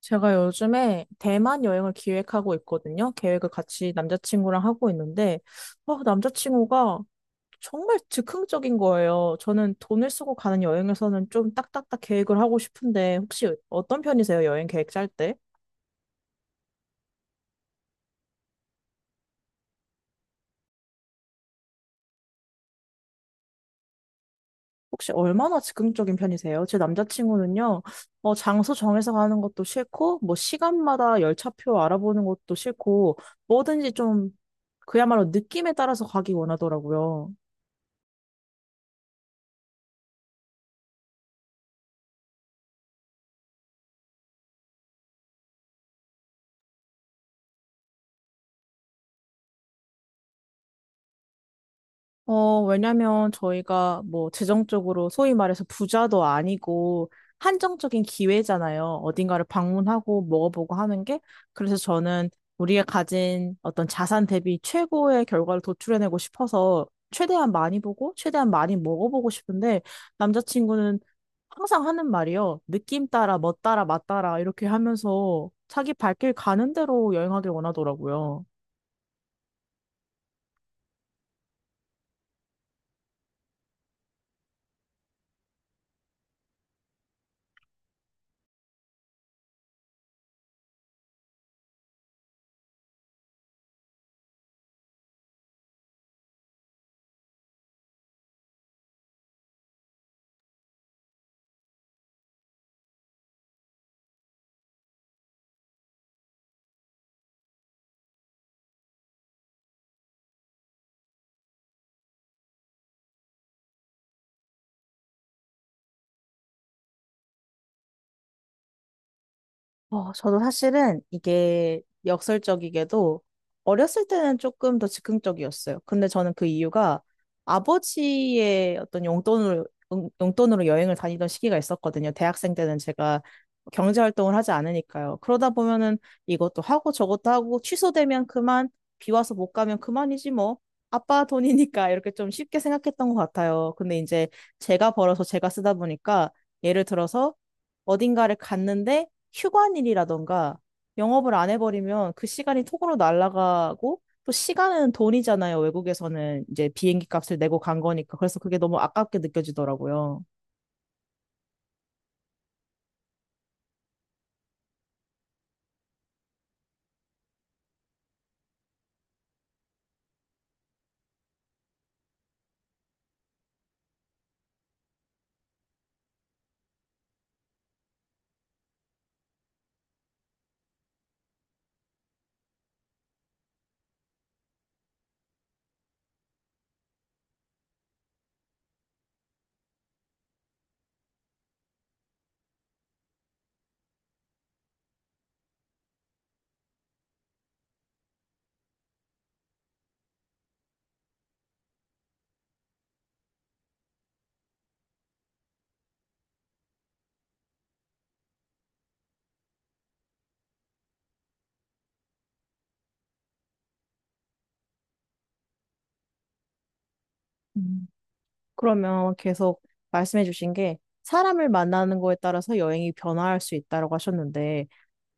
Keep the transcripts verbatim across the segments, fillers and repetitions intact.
제가 요즘에 대만 여행을 기획하고 있거든요. 계획을 같이 남자친구랑 하고 있는데, 어, 남자친구가 정말 즉흥적인 거예요. 저는 돈을 쓰고 가는 여행에서는 좀 딱딱딱 계획을 하고 싶은데, 혹시 어떤 편이세요? 여행 계획 짤 때? 혹시 얼마나 즉흥적인 편이세요? 제 남자친구는요, 어, 장소 정해서 가는 것도 싫고, 뭐, 시간마다 열차표 알아보는 것도 싫고, 뭐든지 좀, 그야말로 느낌에 따라서 가기 원하더라고요. 어, 왜냐면 저희가 뭐 재정적으로 소위 말해서 부자도 아니고 한정적인 기회잖아요. 어딘가를 방문하고 먹어보고 하는 게. 그래서 저는 우리가 가진 어떤 자산 대비 최고의 결과를 도출해내고 싶어서 최대한 많이 보고 최대한 많이 먹어보고 싶은데 남자친구는 항상 하는 말이요. 느낌 따라, 멋 따라, 맛 따라 이렇게 하면서 자기 발길 가는 대로 여행하길 원하더라고요. 어, 저도 사실은 이게 역설적이게도 어렸을 때는 조금 더 즉흥적이었어요. 근데 저는 그 이유가 아버지의 어떤 용돈을, 용- 용돈으로 여행을 다니던 시기가 있었거든요. 대학생 때는 제가 경제활동을 하지 않으니까요. 그러다 보면은 이것도 하고 저것도 하고 취소되면 그만, 비 와서 못 가면 그만이지 뭐. 아빠 돈이니까 이렇게 좀 쉽게 생각했던 것 같아요. 근데 이제 제가 벌어서 제가 쓰다 보니까 예를 들어서 어딘가를 갔는데 휴관일이라던가 영업을 안 해버리면 그 시간이 톡으로 날아가고 또 시간은 돈이잖아요. 외국에서는 이제 비행기 값을 내고 간 거니까. 그래서 그게 너무 아깝게 느껴지더라고요. 음. 그러면 계속 말씀해 주신 게 사람을 만나는 거에 따라서 여행이 변화할 수 있다고 하셨는데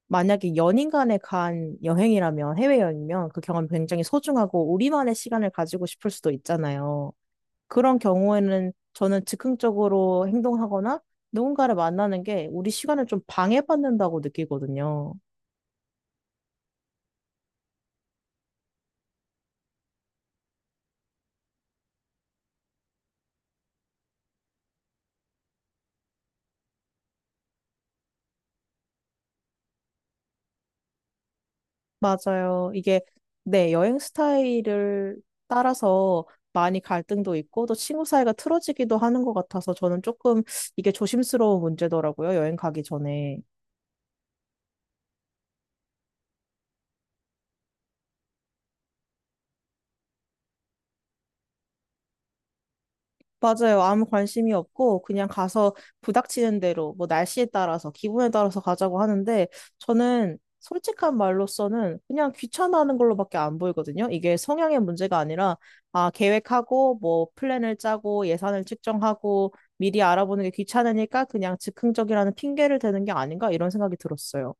만약에 연인 간에 간 여행이라면 해외여행이면 그 경험이 굉장히 소중하고 우리만의 시간을 가지고 싶을 수도 있잖아요. 그런 경우에는 저는 즉흥적으로 행동하거나 누군가를 만나는 게 우리 시간을 좀 방해받는다고 느끼거든요. 맞아요. 이게 네, 여행 스타일을 따라서 많이 갈등도 있고 또 친구 사이가 틀어지기도 하는 것 같아서 저는 조금 이게 조심스러운 문제더라고요. 여행 가기 전에. 맞아요. 아무 관심이 없고 그냥 가서 부닥치는 대로 뭐 날씨에 따라서 기분에 따라서 가자고 하는데 저는 솔직한 말로서는 그냥 귀찮아하는 걸로밖에 안 보이거든요. 이게 성향의 문제가 아니라 아 계획하고 뭐 플랜을 짜고 예산을 측정하고 미리 알아보는 게 귀찮으니까 그냥 즉흥적이라는 핑계를 대는 게 아닌가 이런 생각이 들었어요.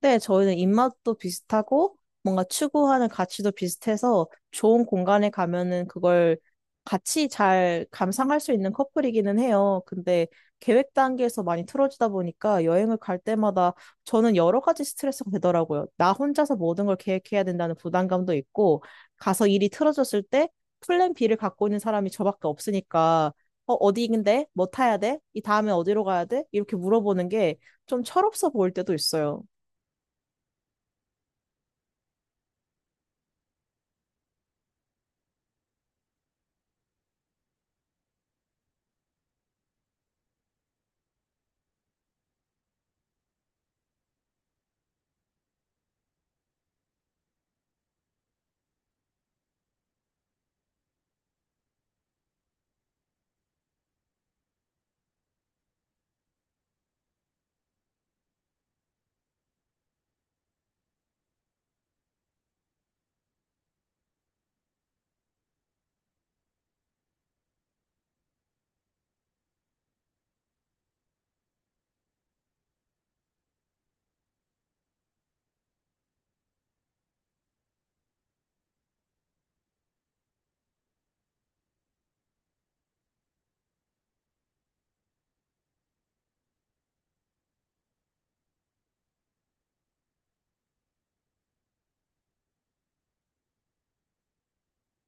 네, 저희는 입맛도 비슷하고 뭔가 추구하는 가치도 비슷해서 좋은 공간에 가면은 그걸 같이 잘 감상할 수 있는 커플이기는 해요. 근데 계획 단계에서 많이 틀어지다 보니까 여행을 갈 때마다 저는 여러 가지 스트레스가 되더라고요. 나 혼자서 모든 걸 계획해야 된다는 부담감도 있고 가서 일이 틀어졌을 때 플랜 B를 갖고 있는 사람이 저밖에 없으니까 어, 어디인데? 뭐 타야 돼? 이 다음에 어디로 가야 돼? 이렇게 물어보는 게 좀 철없어 보일 때도 있어요.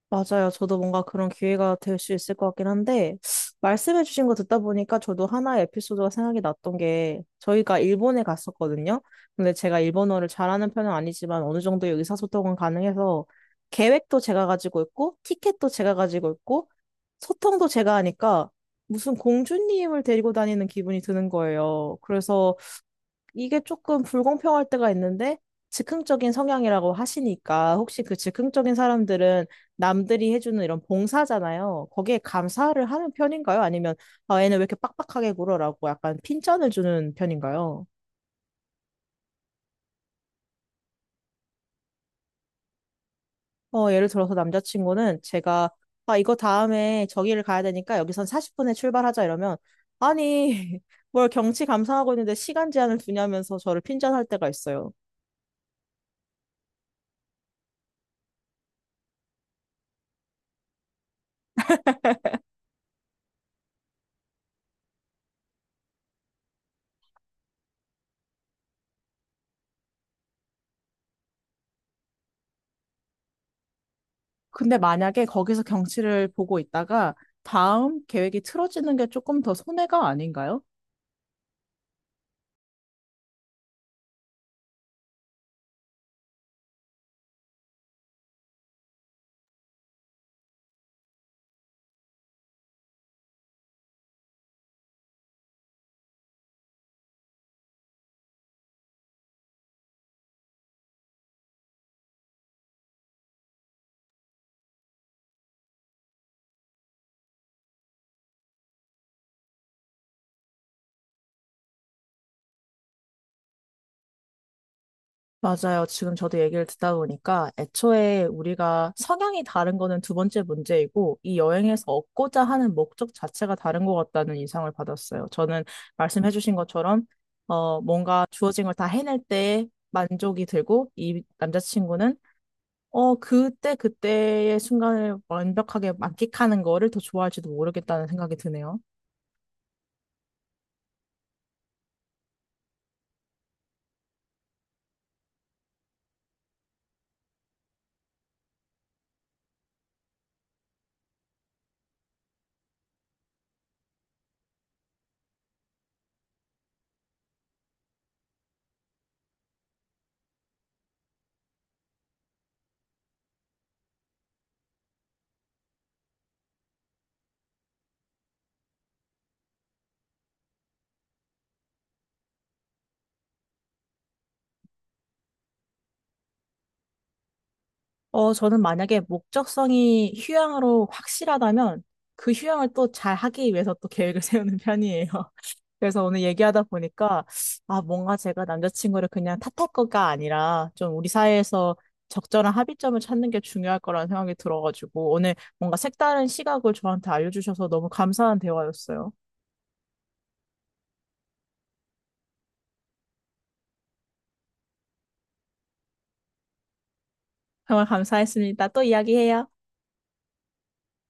맞아요. 저도 뭔가 그런 기회가 될 수 있을 것 같긴 한데, 말씀해주신 거 듣다 보니까 저도 하나의 에피소드가 생각이 났던 게, 저희가 일본에 갔었거든요. 근데 제가 일본어를 잘하는 편은 아니지만 어느 정도의 의사소통은 가능해서, 계획도 제가 가지고 있고, 티켓도 제가 가지고 있고, 소통도 제가 하니까, 무슨 공주님을 데리고 다니는 기분이 드는 거예요. 그래서 이게 조금 불공평할 때가 있는데 즉흥적인 성향이라고 하시니까 혹시 그 즉흥적인 사람들은 남들이 해주는 이런 봉사잖아요. 거기에 감사를 하는 편인가요? 아니면 아, 얘는 왜 이렇게 빡빡하게 굴어라고 약간 핀잔을 주는 편인가요? 어, 예를 들어서 남자친구는 제가 아, 이거 다음에 저기를 가야 되니까 여기선 사십 분에 출발하자 이러면 아니 뭘 경치 감상하고 있는데 시간 제한을 두냐면서 저를 핀잔할 때가 있어요. 근데 만약에 거기서 경치를 보고 있다가 다음 계획이 틀어지는 게 조금 더 손해가 아닌가요? 맞아요. 지금 저도 얘기를 듣다 보니까 애초에 우리가 성향이 다른 거는 두 번째 문제이고 이 여행에서 얻고자 하는 목적 자체가 다른 것 같다는 인상을 받았어요. 저는 말씀해주신 것처럼 어, 뭔가 주어진 걸 다 해낼 때 만족이 들고 이 남자친구는 어, 그때 그때의 순간을 완벽하게 만끽하는 거를 더 좋아할지도 모르겠다는 생각이 드네요. 어, 저는 만약에 목적성이 휴양으로 확실하다면 그 휴양을 또 잘 하기 위해서 또 계획을 세우는 편이에요. 그래서 오늘 얘기하다 보니까, 아, 뭔가 제가 남자친구를 그냥 탓할 거가 아니라, 좀 우리 사이에서 적절한 합의점을 찾는 게 중요할 거라는 생각이 들어가지고, 오늘 뭔가 색다른 시각을 저한테 알려주셔서 너무 감사한 대화였어요. 정말 감사했습니다. 또 이야기해요.